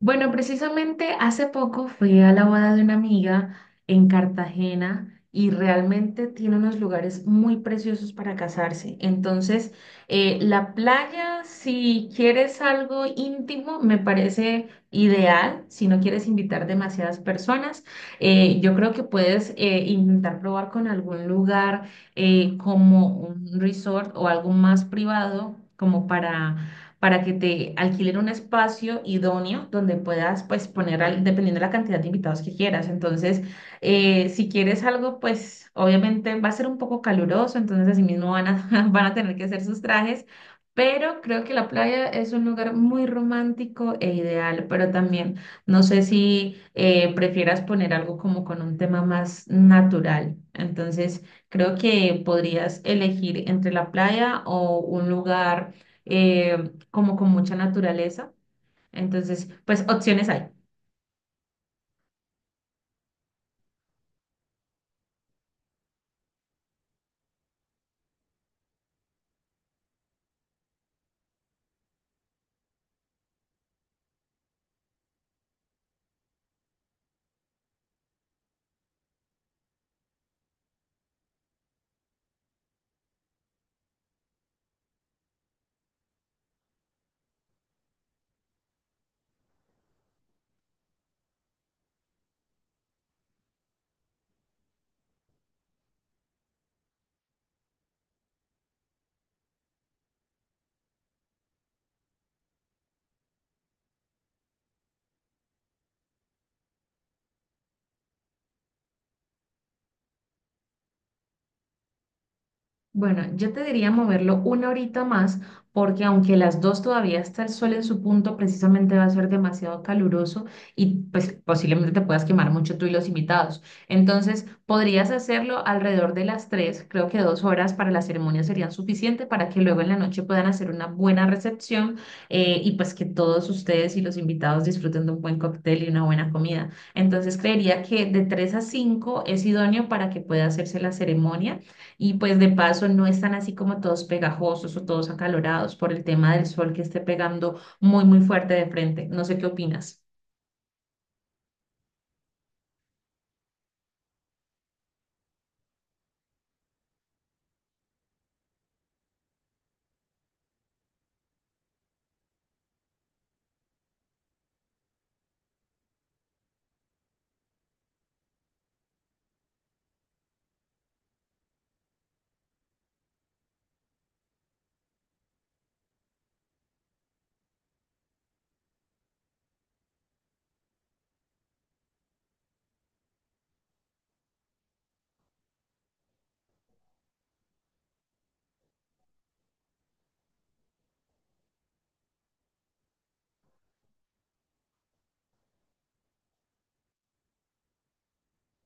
Bueno, precisamente hace poco fui a la boda de una amiga en Cartagena y realmente tiene unos lugares muy preciosos para casarse. Entonces, la playa, si quieres algo íntimo, me parece ideal. Si no quieres invitar demasiadas personas. Yo creo que puedes intentar probar con algún lugar como un resort o algo más privado, como para que te alquilen un espacio idóneo donde puedas pues poner, dependiendo de la cantidad de invitados que quieras. Entonces, si quieres algo, pues obviamente va a ser un poco caluroso, entonces así mismo van a tener que hacer sus trajes, pero creo que la playa es un lugar muy romántico e ideal, pero también no sé si prefieras poner algo como con un tema más natural. Entonces, creo que podrías elegir entre la playa o un lugar eh, como con mucha naturaleza. Entonces, pues opciones hay. Bueno, yo te diría moverlo una horita más porque aunque las 2 todavía está el sol en su punto, precisamente va a ser demasiado caluroso y pues posiblemente te puedas quemar mucho tú y los invitados. Entonces, podrías hacerlo alrededor de las 3, creo que 2 horas para la ceremonia serían suficiente para que luego en la noche puedan hacer una buena recepción y pues que todos ustedes y los invitados disfruten de un buen cóctel y una buena comida. Entonces, creería que de 3 a 5 es idóneo para que pueda hacerse la ceremonia y pues de paso no están así como todos pegajosos o todos acalorados por el tema del sol que esté pegando muy, muy fuerte de frente. No sé qué opinas.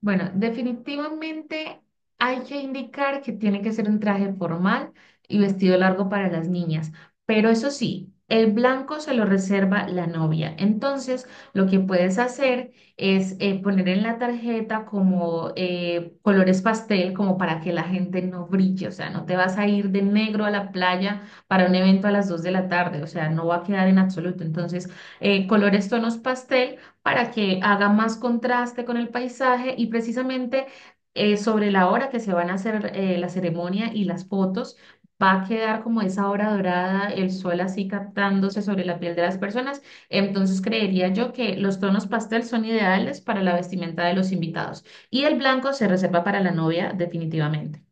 Bueno, definitivamente hay que indicar que tiene que ser un traje formal y vestido largo para las niñas, pero eso sí, el blanco se lo reserva la novia. Entonces, lo que puedes hacer es poner en la tarjeta como colores pastel, como para que la gente no brille, o sea, no te vas a ir de negro a la playa para un evento a las 2 de la tarde, o sea, no va a quedar en absoluto. Entonces, colores tonos pastel para que haga más contraste con el paisaje y precisamente sobre la hora que se van a hacer la ceremonia y las fotos, va a quedar como esa hora dorada, el sol así captándose sobre la piel de las personas. Entonces creería yo que los tonos pastel son ideales para la vestimenta de los invitados y el blanco se reserva para la novia definitivamente.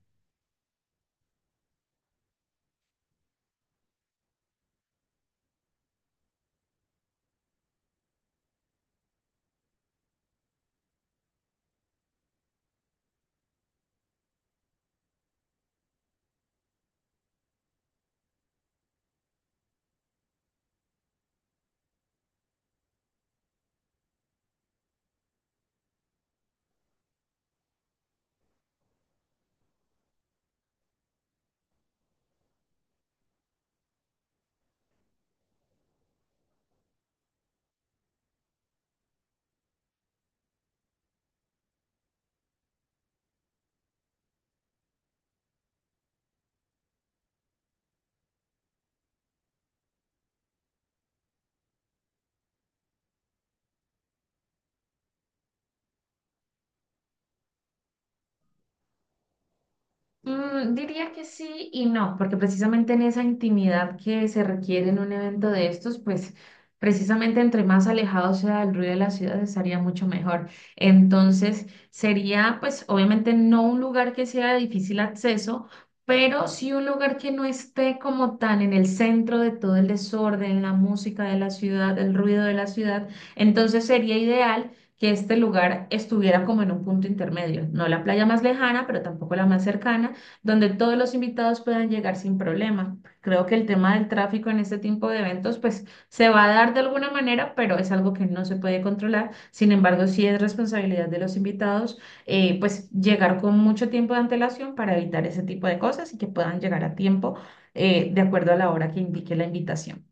Mm, diría que sí y no, porque precisamente en esa intimidad que se requiere en un evento de estos, pues precisamente entre más alejado sea el ruido de la ciudad estaría mucho mejor. Entonces sería pues obviamente no un lugar que sea de difícil acceso, pero sí un lugar que no esté como tan en el centro de todo el desorden, la música de la ciudad, el ruido de la ciudad. Entonces sería ideal que este lugar estuviera como en un punto intermedio, no la playa más lejana, pero tampoco la más cercana donde todos los invitados puedan llegar sin problema. Creo que el tema del tráfico en este tipo de eventos, pues se va a dar de alguna manera, pero es algo que no se puede controlar. Sin embargo, sí es responsabilidad de los invitados, pues llegar con mucho tiempo de antelación para evitar ese tipo de cosas y que puedan llegar a tiempo, de acuerdo a la hora que indique la invitación.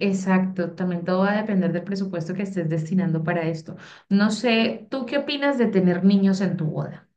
Exacto, también todo va a depender del presupuesto que estés destinando para esto. No sé, ¿tú qué opinas de tener niños en tu boda?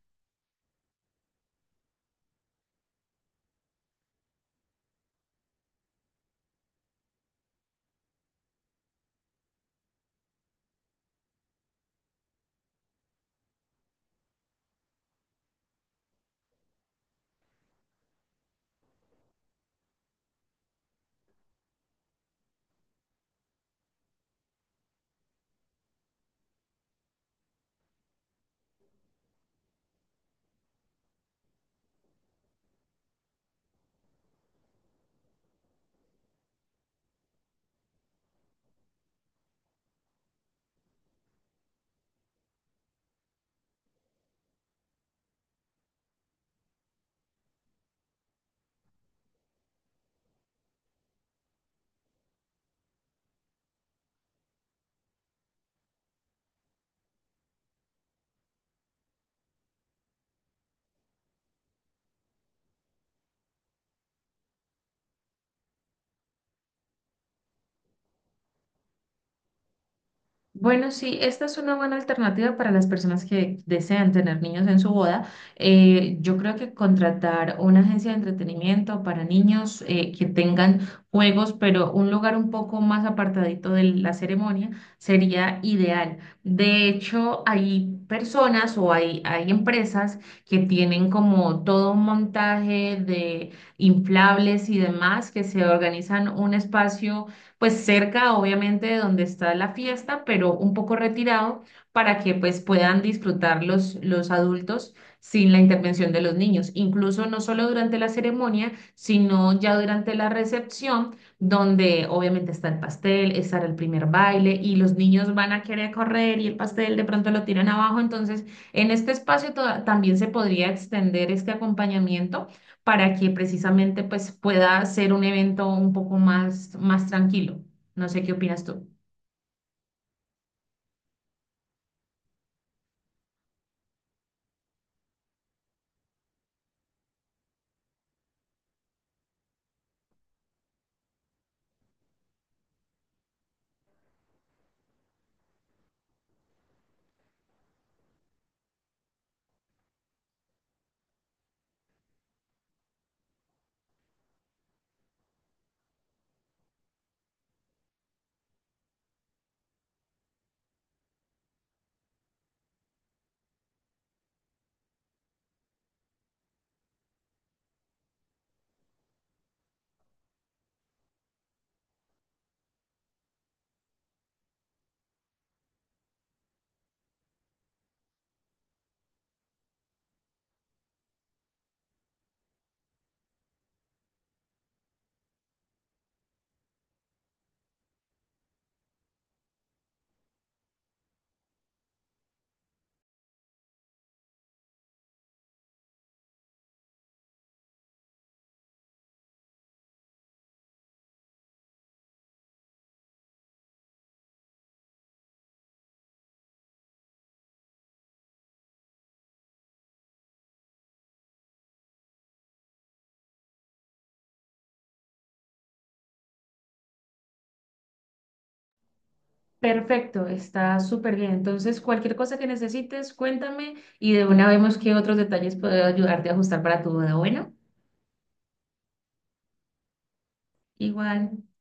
Bueno, sí, esta es una buena alternativa para las personas que desean tener niños en su boda. Yo creo que contratar una agencia de entretenimiento para niños que tengan juegos, pero un lugar un poco más apartadito de la ceremonia sería ideal. De hecho, hay personas o hay empresas que tienen como todo un montaje de inflables y demás que se organizan un espacio pues cerca obviamente de donde está la fiesta, pero un poco retirado para que pues puedan disfrutar los adultos sin la intervención de los niños, incluso no solo durante la ceremonia, sino ya durante la recepción, donde obviamente está el pastel, está el primer baile y los niños van a querer correr y el pastel de pronto lo tiran abajo, entonces en este espacio también se podría extender este acompañamiento para que precisamente pues pueda ser un evento un poco más tranquilo. No sé qué opinas tú. Perfecto, está súper bien. Entonces, cualquier cosa que necesites, cuéntame y de una vemos qué otros detalles puedo ayudarte a ajustar para tu boda. Bueno, igual.